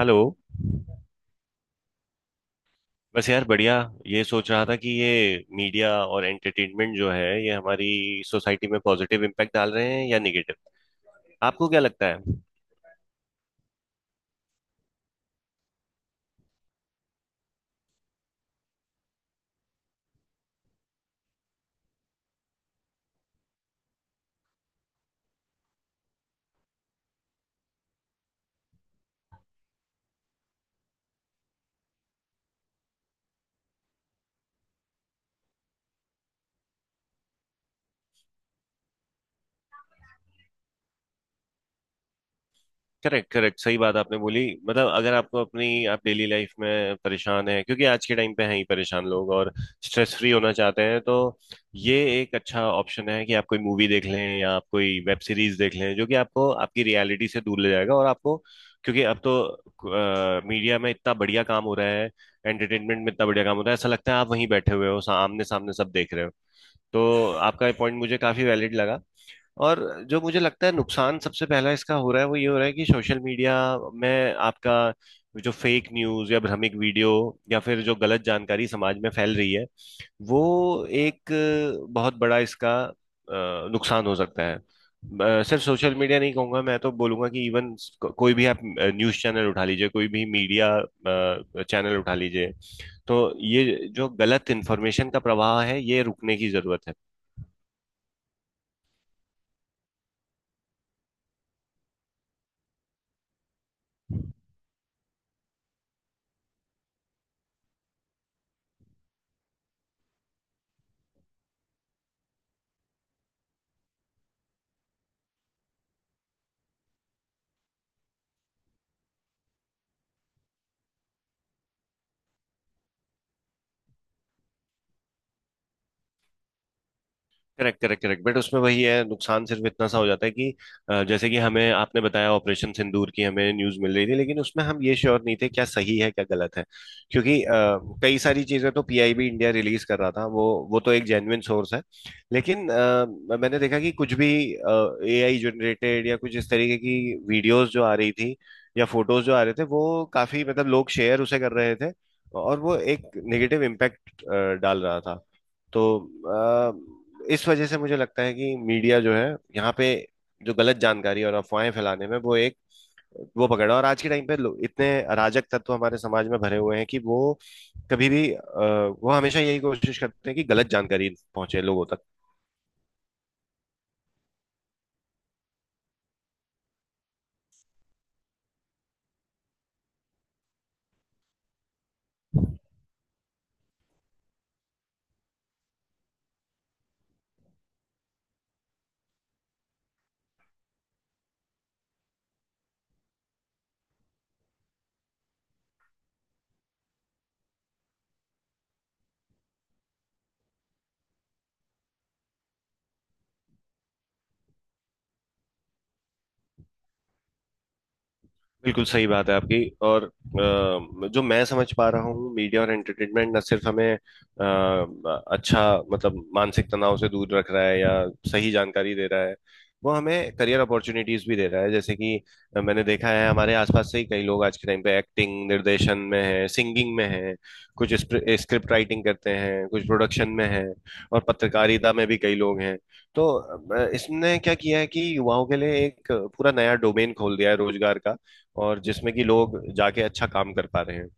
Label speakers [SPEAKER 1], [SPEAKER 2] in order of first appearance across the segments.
[SPEAKER 1] Hello. बस यार बढ़िया। ये सोच रहा था कि ये मीडिया और एंटरटेनमेंट जो है ये हमारी सोसाइटी में पॉजिटिव इम्पैक्ट डाल रहे हैं या निगेटिव, आपको क्या लगता है? Correct, correct. सही बात आपने बोली। मतलब अगर आपको अपनी आप डेली लाइफ में परेशान हैं क्योंकि आज के टाइम पे हैं ही परेशान लोग, और स्ट्रेस फ्री होना चाहते हैं तो ये एक अच्छा ऑप्शन है कि आप कोई मूवी देख लें या आप कोई वेब सीरीज देख लें, जो कि आपको आपकी रियलिटी से दूर ले जाएगा। और आपको, क्योंकि अब तो मीडिया में इतना बढ़िया काम हो रहा है, एंटरटेनमेंट में इतना बढ़िया काम हो रहा है, ऐसा लगता है आप वहीं बैठे हुए हो, सामने सामने सब देख रहे हो। तो आपका ये पॉइंट मुझे काफी वैलिड लगा। और जो मुझे लगता है नुकसान सबसे पहला इसका हो रहा है वो ये हो रहा है कि सोशल मीडिया में आपका जो फेक न्यूज या भ्रमिक वीडियो या फिर जो गलत जानकारी समाज में फैल रही है, वो एक बहुत बड़ा इसका नुकसान हो सकता है। सिर्फ सोशल मीडिया नहीं कहूंगा, मैं तो बोलूंगा कि इवन कोई भी आप न्यूज चैनल उठा लीजिए, कोई भी मीडिया चैनल उठा लीजिए। तो ये जो गलत इन्फॉर्मेशन का प्रवाह है, ये रुकने की जरूरत है। Correct, correct, correct. बट उसमें वही है, नुकसान सिर्फ इतना सा हो जाता है कि जैसे कि हमें आपने बताया ऑपरेशन सिंदूर की हमें न्यूज मिल रही थी, लेकिन उसमें हम ये श्योर नहीं थे क्या सही है क्या गलत है। क्योंकि कई सारी चीजें तो पीआईबी इंडिया रिलीज कर रहा था, वो तो एक जेन्युइन सोर्स है। लेकिन मैंने देखा कि कुछ भी एआई जनरेटेड या कुछ इस तरीके की वीडियोस जो आ रही थी या फोटोज जो आ रहे थे, वो काफी मतलब लोग शेयर उसे कर रहे थे, और वो एक नेगेटिव इम्पैक्ट डाल रहा था। तो इस वजह से मुझे लगता है कि मीडिया जो है यहाँ पे जो गलत जानकारी और अफवाहें फैलाने में वो एक वो पकड़ा, और आज के टाइम पे लोग इतने अराजक तत्व हमारे समाज में भरे हुए हैं कि वो कभी भी वो हमेशा यही कोशिश करते हैं कि गलत जानकारी पहुंचे लोगों तक। बिल्कुल सही बात है आपकी। और जो मैं समझ पा रहा हूँ मीडिया और एंटरटेनमेंट न सिर्फ हमें अच्छा मतलब मानसिक तनाव से दूर रख रहा है या सही जानकारी दे रहा है, वो हमें करियर अपॉर्चुनिटीज भी दे रहा है। जैसे कि मैंने देखा है हमारे आसपास से ही कई लोग आज के टाइम पे एक्टिंग निर्देशन में है, सिंगिंग में है, कुछ स्क्रिप्ट राइटिंग करते हैं, कुछ प्रोडक्शन में है, और पत्रकारिता में भी कई लोग हैं। तो इसने क्या किया है कि युवाओं के लिए एक पूरा नया डोमेन खोल दिया है रोजगार का, और जिसमें कि लोग जाके अच्छा काम कर पा रहे हैं।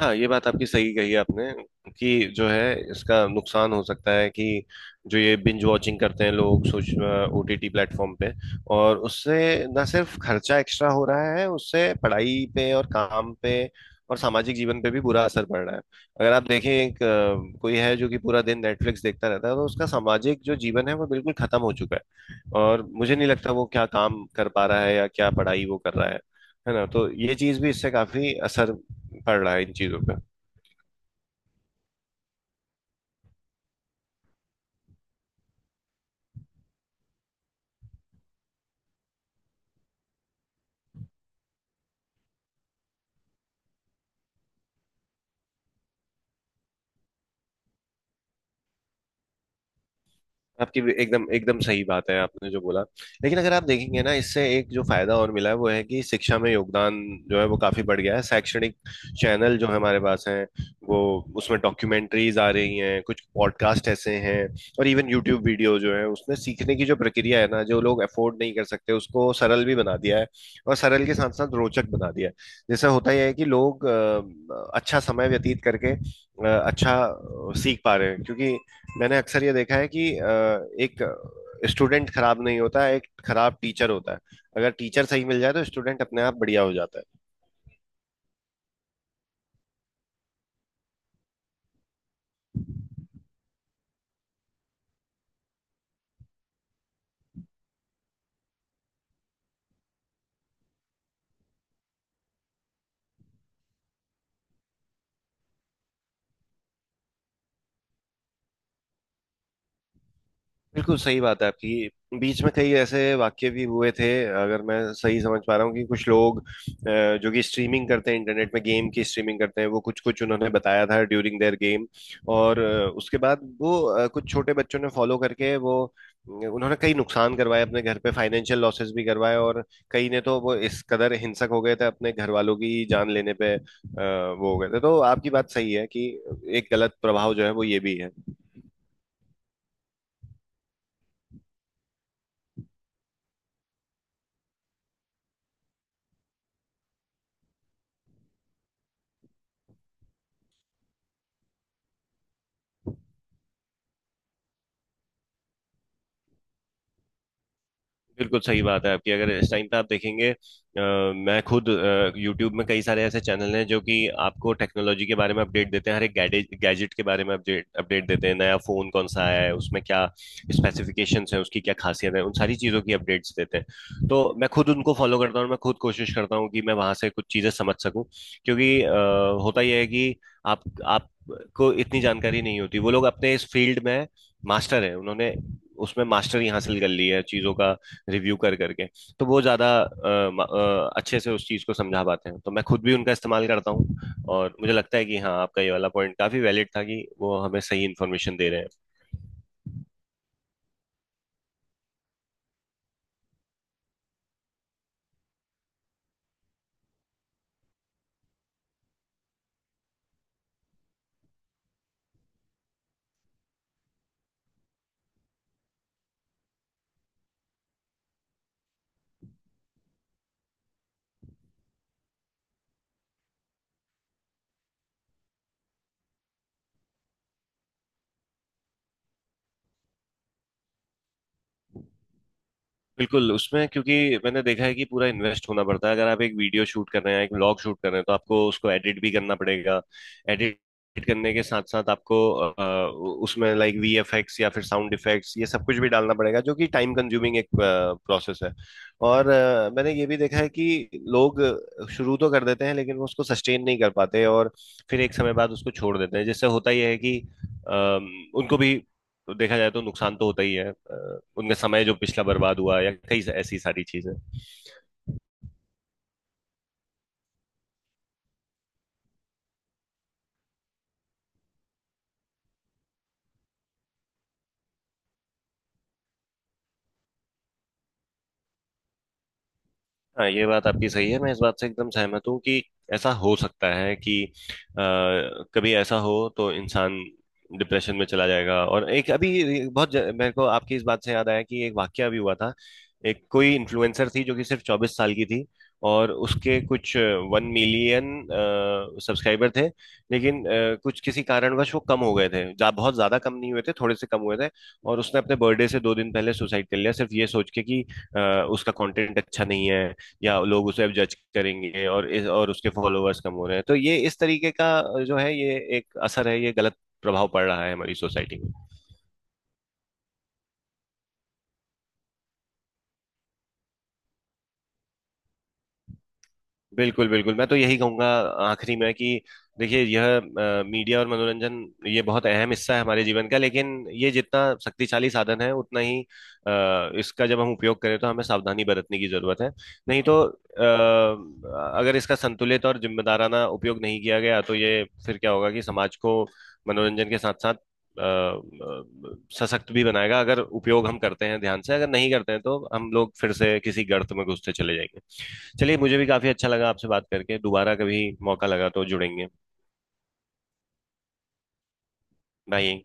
[SPEAKER 1] हाँ, ये बात आपकी सही कही आपने कि जो है इसका नुकसान हो सकता है कि जो ये बिंज वॉचिंग करते हैं लोग सोच ओटीटी प्लेटफॉर्म पे, और उससे ना सिर्फ खर्चा एक्स्ट्रा हो रहा है, उससे पढ़ाई पे और काम पे और सामाजिक जीवन पे भी बुरा असर पड़ रहा है। अगर आप देखें एक कोई है जो कि पूरा दिन नेटफ्लिक्स देखता रहता है, तो उसका सामाजिक जो जीवन है वो बिल्कुल खत्म हो चुका है, और मुझे नहीं लगता वो क्या काम कर पा रहा है या क्या पढ़ाई वो कर रहा है। है ना? तो ये चीज भी, इससे काफी असर पड़ रहा है इन चीजों पे। आपकी भी एकदम एकदम सही बात है, आपने जो बोला। लेकिन अगर आप देखेंगे ना, इससे एक जो फायदा और मिला है वो है कि शिक्षा में योगदान जो है वो काफी बढ़ गया है। शैक्षणिक चैनल जो हमारे पास हैं, वो उसमें डॉक्यूमेंट्रीज आ रही हैं, कुछ पॉडकास्ट ऐसे हैं, और इवन यूट्यूब वीडियो जो है उसमें सीखने की जो प्रक्रिया है ना, जो लोग अफोर्ड नहीं कर सकते, उसको सरल भी बना दिया है, और सरल के साथ साथ रोचक बना दिया है। जैसे होता यह है कि लोग अच्छा समय व्यतीत करके अच्छा सीख पा रहे हैं। क्योंकि मैंने अक्सर ये देखा है कि एक स्टूडेंट खराब नहीं होता, एक खराब टीचर होता है। अगर टीचर सही मिल जाए तो स्टूडेंट अपने आप बढ़िया हो जाता है। बिल्कुल सही बात है आपकी। बीच में कई ऐसे वाक्य भी हुए थे, अगर मैं सही समझ पा रहा हूँ, कि कुछ लोग जो कि स्ट्रीमिंग करते हैं इंटरनेट में, गेम की स्ट्रीमिंग करते हैं, वो कुछ कुछ उन्होंने बताया था ड्यूरिंग देयर गेम। और उसके बाद वो कुछ छोटे बच्चों ने फॉलो करके वो उन्होंने कई नुकसान करवाए अपने घर पे, फाइनेंशियल लॉसेस भी करवाए, और कई ने तो वो इस कदर हिंसक हो गए थे अपने घर वालों की जान लेने पे वो हो गए थे। तो आपकी बात सही है कि एक गलत प्रभाव जो है वो ये भी है। बिल्कुल सही बात है आपकी। अगर इस टाइम पे आप देखेंगे, मैं खुद यूट्यूब में कई सारे ऐसे चैनल हैं जो कि आपको टेक्नोलॉजी के बारे में अपडेट देते हैं, हर एक गैजेट गैजेट के बारे में अपडेट अपडेट देते हैं, नया फोन कौन सा आया है, उसमें क्या स्पेसिफिकेशंस हैं, उसकी क्या खासियत है, उन सारी चीज़ों की अपडेट्स देते हैं। तो मैं खुद उनको फॉलो करता हूँ, और मैं खुद कोशिश करता हूँ कि मैं वहां से कुछ चीज़ें समझ सकूँ। क्योंकि होता यह है कि आप आपको इतनी जानकारी नहीं होती, वो लोग अपने इस फील्ड में मास्टर हैं, उन्होंने उसमें मास्टरी हासिल कर ली है चीज़ों का रिव्यू कर करके। तो वो ज़्यादा अच्छे से उस चीज़ को समझा पाते हैं, तो मैं खुद भी उनका इस्तेमाल करता हूँ। और मुझे लगता है कि हाँ, आपका ये वाला पॉइंट काफ़ी वैलिड था कि वो हमें सही इन्फॉर्मेशन दे रहे हैं। बिल्कुल। उसमें क्योंकि मैंने देखा है कि पूरा इन्वेस्ट होना पड़ता है। अगर आप एक वीडियो शूट कर रहे हैं, एक व्लॉग शूट कर रहे हैं, तो आपको उसको एडिट भी करना पड़ेगा। एडिट करने के साथ साथ आपको उसमें लाइक वीएफएक्स या फिर साउंड इफेक्ट्स, ये सब कुछ भी डालना पड़ेगा, जो कि टाइम कंज्यूमिंग एक प्रोसेस है। और मैंने ये भी देखा है कि लोग शुरू तो कर देते हैं लेकिन वो उसको सस्टेन नहीं कर पाते, और फिर एक समय बाद उसको छोड़ देते हैं। जिससे होता यह है कि अ, उनको भी तो देखा जाए तो नुकसान तो होता ही है, उनका समय जो पिछला बर्बाद हुआ या कई ऐसी सारी चीजें। हाँ, ये बात आपकी सही है, मैं इस बात से एकदम सहमत हूँ कि ऐसा हो सकता है कि कभी ऐसा हो, तो इंसान डिप्रेशन में चला जाएगा। और एक अभी बहुत मेरे को आपकी इस बात से याद आया कि एक वाकया भी हुआ था। एक कोई इन्फ्लुएंसर थी जो कि सिर्फ 24 साल की थी, और उसके कुछ 1 million सब्सक्राइबर थे। लेकिन कुछ किसी कारणवश वो कम हो गए थे, बहुत ज्यादा कम नहीं हुए थे, थोड़े से कम हुए थे। और उसने अपने बर्थडे से 2 दिन पहले सुसाइड कर लिया, सिर्फ ये सोच के कि अ, उसका कंटेंट अच्छा नहीं है, या लोग उसे अब जज करेंगे, और इस और उसके फॉलोअर्स कम हो रहे हैं। तो ये इस तरीके का जो है ये एक असर है, ये गलत प्रभाव पड़ रहा है हमारी सोसाइटी में। बिल्कुल बिल्कुल। मैं तो यही कहूंगा आखिरी में कि देखिए, यह मीडिया और मनोरंजन, ये बहुत अहम हिस्सा है हमारे जीवन का। लेकिन ये जितना शक्तिशाली साधन है, उतना ही इसका जब हम उपयोग करें तो हमें सावधानी बरतने की जरूरत है। नहीं तो अगर इसका संतुलित और जिम्मेदाराना उपयोग नहीं किया गया, तो ये फिर क्या होगा कि समाज को मनोरंजन के साथ साथ सशक्त भी बनाएगा। अगर उपयोग हम करते हैं ध्यान से, अगर नहीं करते हैं तो हम लोग फिर से किसी गर्त में घुसते चले जाएंगे। चलिए, मुझे भी काफी अच्छा लगा आपसे बात करके, दोबारा कभी मौका लगा तो जुड़ेंगे। बाय।